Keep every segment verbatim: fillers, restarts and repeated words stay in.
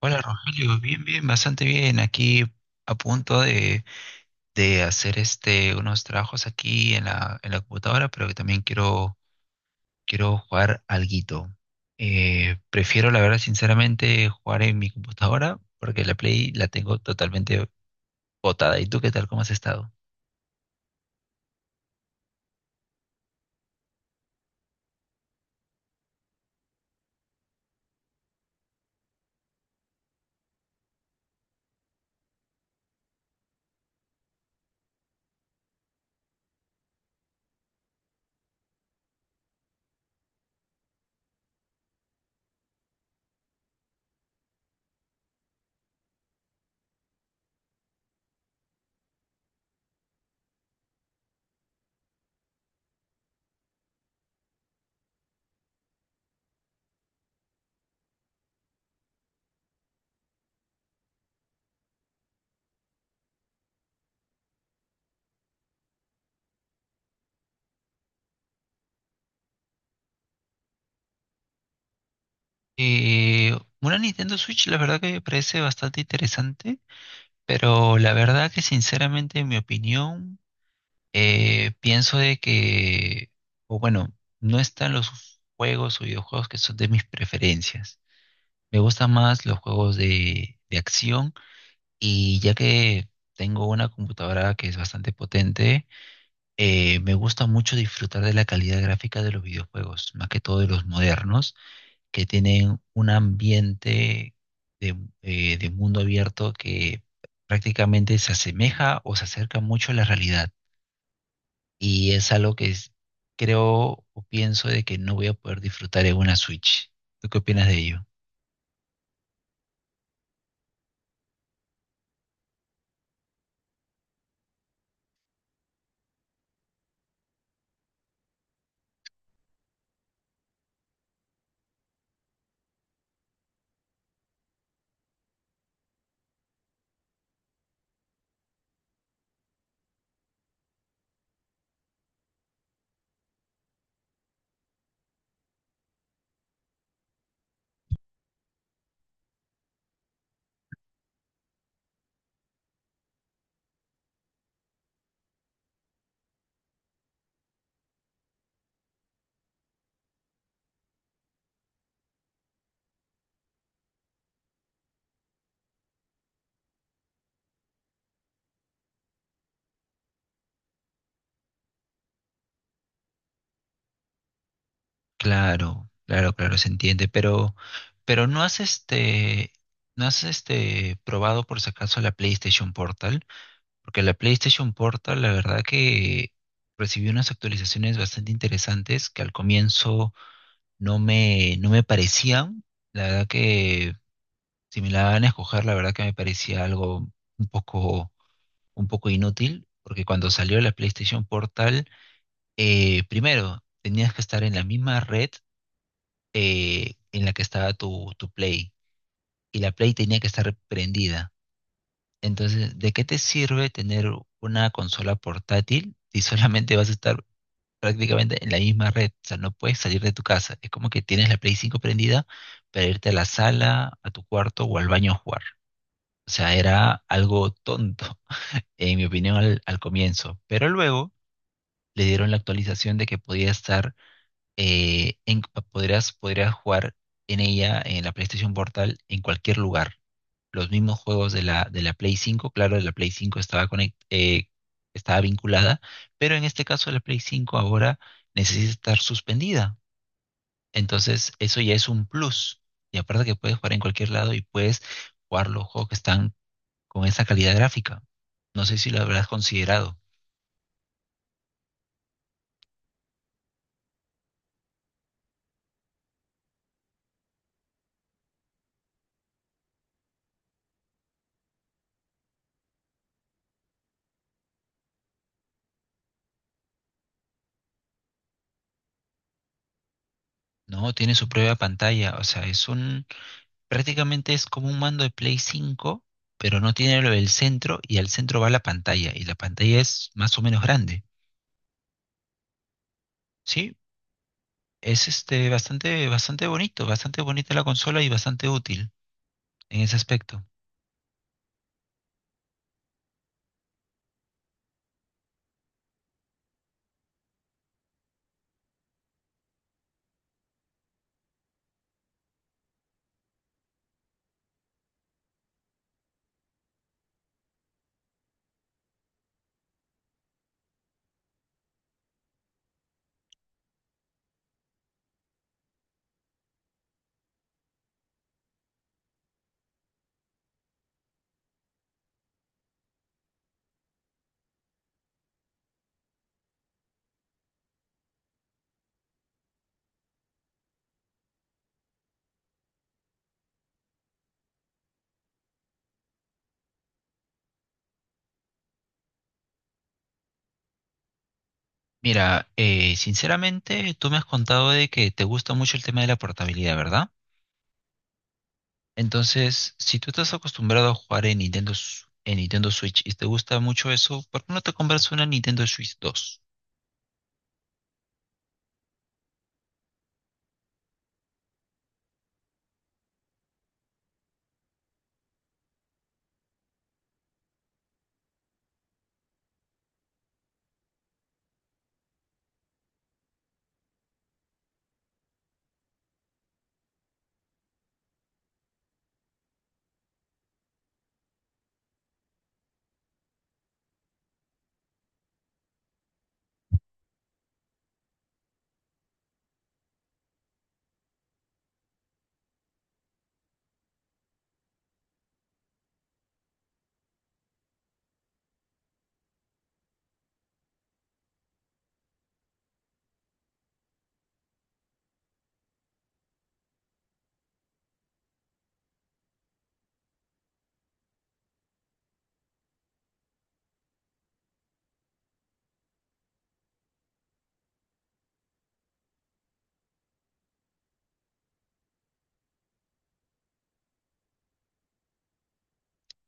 Hola Rogelio, bien, bien, bastante bien. Aquí a punto de, de hacer este unos trabajos aquí en la, en la computadora, pero que también quiero, quiero jugar alguito. Eh, prefiero, la verdad, sinceramente, jugar en mi computadora, porque la Play la tengo totalmente botada. ¿Y tú qué tal? ¿Cómo has estado? Eh, una Nintendo Switch, la verdad que me parece bastante interesante, pero la verdad que sinceramente, en mi opinión. Eh, pienso de que, o bueno, no están los juegos o videojuegos que son de mis preferencias. Me gustan más los juegos de, de acción y ya que tengo una computadora que es bastante potente, eh, me gusta mucho disfrutar de la calidad gráfica de los videojuegos, más que todo de los modernos, que tienen un ambiente de, eh, de mundo abierto que prácticamente se asemeja o se acerca mucho a la realidad y es algo que es- creo o pienso de que no voy a poder disfrutar en una Switch. ¿Tú qué opinas de ello? Claro, claro, claro, se entiende, pero, pero no has este, no has este probado por si acaso la PlayStation Portal, porque la PlayStation Portal, la verdad que recibió unas actualizaciones bastante interesantes que al comienzo no me, no me parecían. La verdad que si me la van a escoger, la verdad que me parecía algo un poco un poco inútil, porque cuando salió la PlayStation Portal, eh, primero, tenías que estar en la misma red eh, en la que estaba tu, tu Play, y la Play tenía que estar prendida. Entonces, ¿de qué te sirve tener una consola portátil si solamente vas a estar prácticamente en la misma red? O sea, no puedes salir de tu casa. Es como que tienes la Play cinco prendida para irte a la sala, a tu cuarto o al baño a jugar. O sea, era algo tonto, en mi opinión, al, al comienzo. Pero luego le dieron la actualización de que podía estar, eh, en, podrías, podrías jugar en ella, en la PlayStation Portal, en cualquier lugar. Los mismos juegos de la, de la Play cinco, claro, de la Play cinco estaba, conect- eh, estaba vinculada, pero en este caso la Play cinco ahora necesita estar suspendida. Entonces, eso ya es un plus. Y aparte que puedes jugar en cualquier lado y puedes jugar los juegos que están con esa calidad gráfica. No sé si lo habrás considerado. No, tiene su propia pantalla, o sea, es un, prácticamente es como un mando de Play cinco, pero no tiene lo del centro y al centro va la pantalla y la pantalla es más o menos grande. Sí, es este bastante bastante bonito, bastante bonita la consola y bastante útil en ese aspecto. Mira, eh, sinceramente tú me has contado de que te gusta mucho el tema de la portabilidad, ¿verdad? Entonces, si tú estás acostumbrado a jugar en Nintendo Su- en Nintendo Switch y te gusta mucho eso, ¿por qué no te compras una Nintendo Switch dos?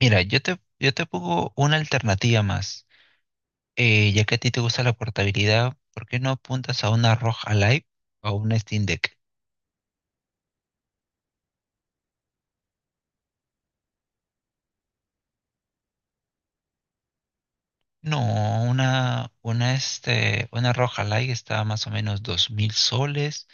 Mira, yo te, yo te pongo una alternativa más. Eh, ya que a ti te gusta la portabilidad, ¿por qué no apuntas a una ROG Alive o a una Steam Deck? No, una, una, este, una ROG Alive está a más o menos dos mil soles,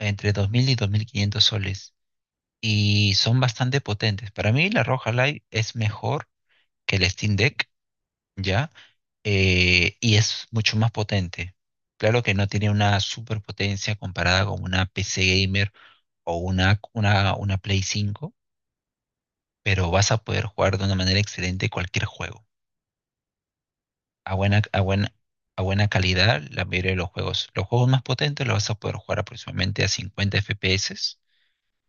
entre dos mil y dos mil quinientos soles, y son bastante potentes. Para mí la ROG Alive es mejor que la Steam Deck, ¿ya? Eh, y es mucho más potente. Claro que no tiene una superpotencia comparada con una P C gamer o una, una, una Play cinco pero vas a poder jugar de una manera excelente cualquier juego. A buena, a buena, a buena calidad, la mayoría de los juegos. Los juegos más potentes los vas a poder jugar aproximadamente a cincuenta F P S,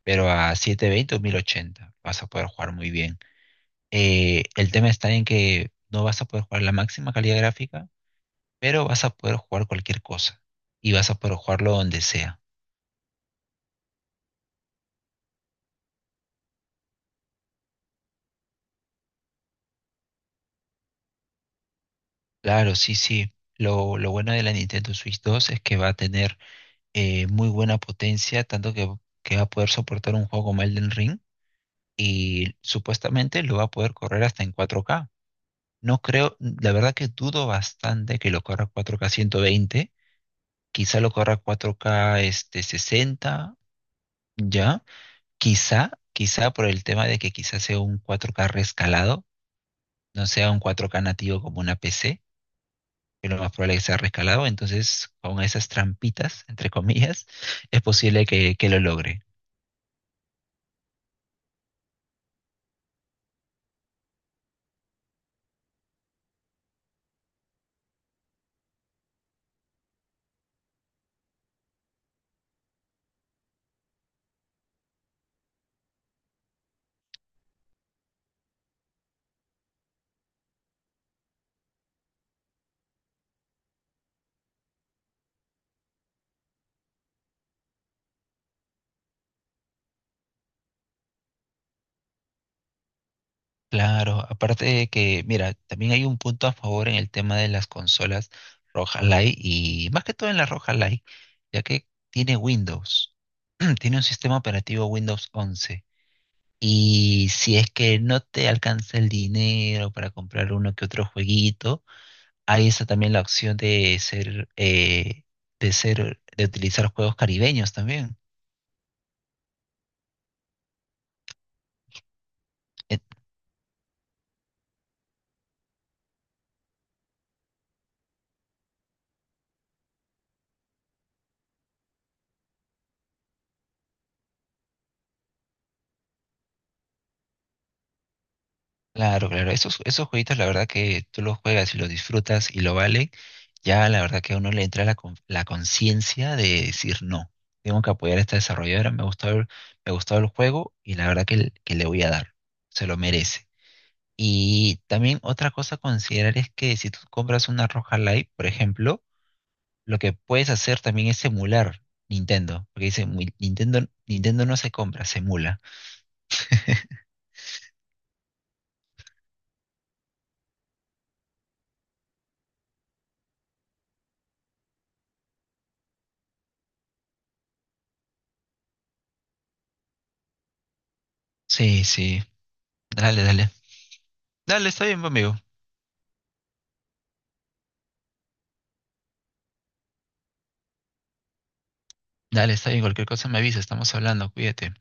pero a setecientos veinte o mil ochenta vas a poder jugar muy bien. Eh, el tema está en que no vas a poder jugar la máxima calidad gráfica, pero vas a poder jugar cualquier cosa y vas a poder jugarlo donde sea. Claro, sí, sí. Lo, lo bueno de la Nintendo Switch dos es que va a tener eh, muy buena potencia, tanto que, que va a poder soportar un juego como Elden Ring y supuestamente lo va a poder correr hasta en cuatro K. No creo, la verdad que dudo bastante que lo corra cuatro K ciento veinte, quizá lo corra cuatro K este, sesenta, ya, quizá, quizá por el tema de que quizás sea un cuatro K rescalado, no sea un cuatro K nativo como una P C, que lo más probable es que sea rescalado, entonces con esas trampitas, entre comillas, es posible que que lo logre. Claro, aparte de que, mira, también hay un punto a favor en el tema de las consolas Roja Light y más que todo en la Roja Light, ya que tiene Windows, tiene un sistema operativo Windows once. Y si es que no te alcanza el dinero para comprar uno que otro jueguito, hay esa también la opción de ser, eh, de ser, de utilizar juegos caribeños también. Claro, claro, esos, esos jueguitos la verdad que tú los juegas y los disfrutas y lo vale, ya la verdad que a uno le entra la, con- la conciencia de decir no, tengo que apoyar a esta desarrolladora, me gustó el, me gustó el juego y la verdad que, l- que le voy a dar, se lo merece. Y también otra cosa a considerar es que si tú compras una Roja Live, por ejemplo, lo que puedes hacer también es emular Nintendo, porque dice "Muy- Nintendo, Nintendo no se compra, se emula". Sí, sí, dale, dale. Dale, está bien, amigo. Dale, está bien, cualquier cosa me avisa, estamos hablando, cuídate.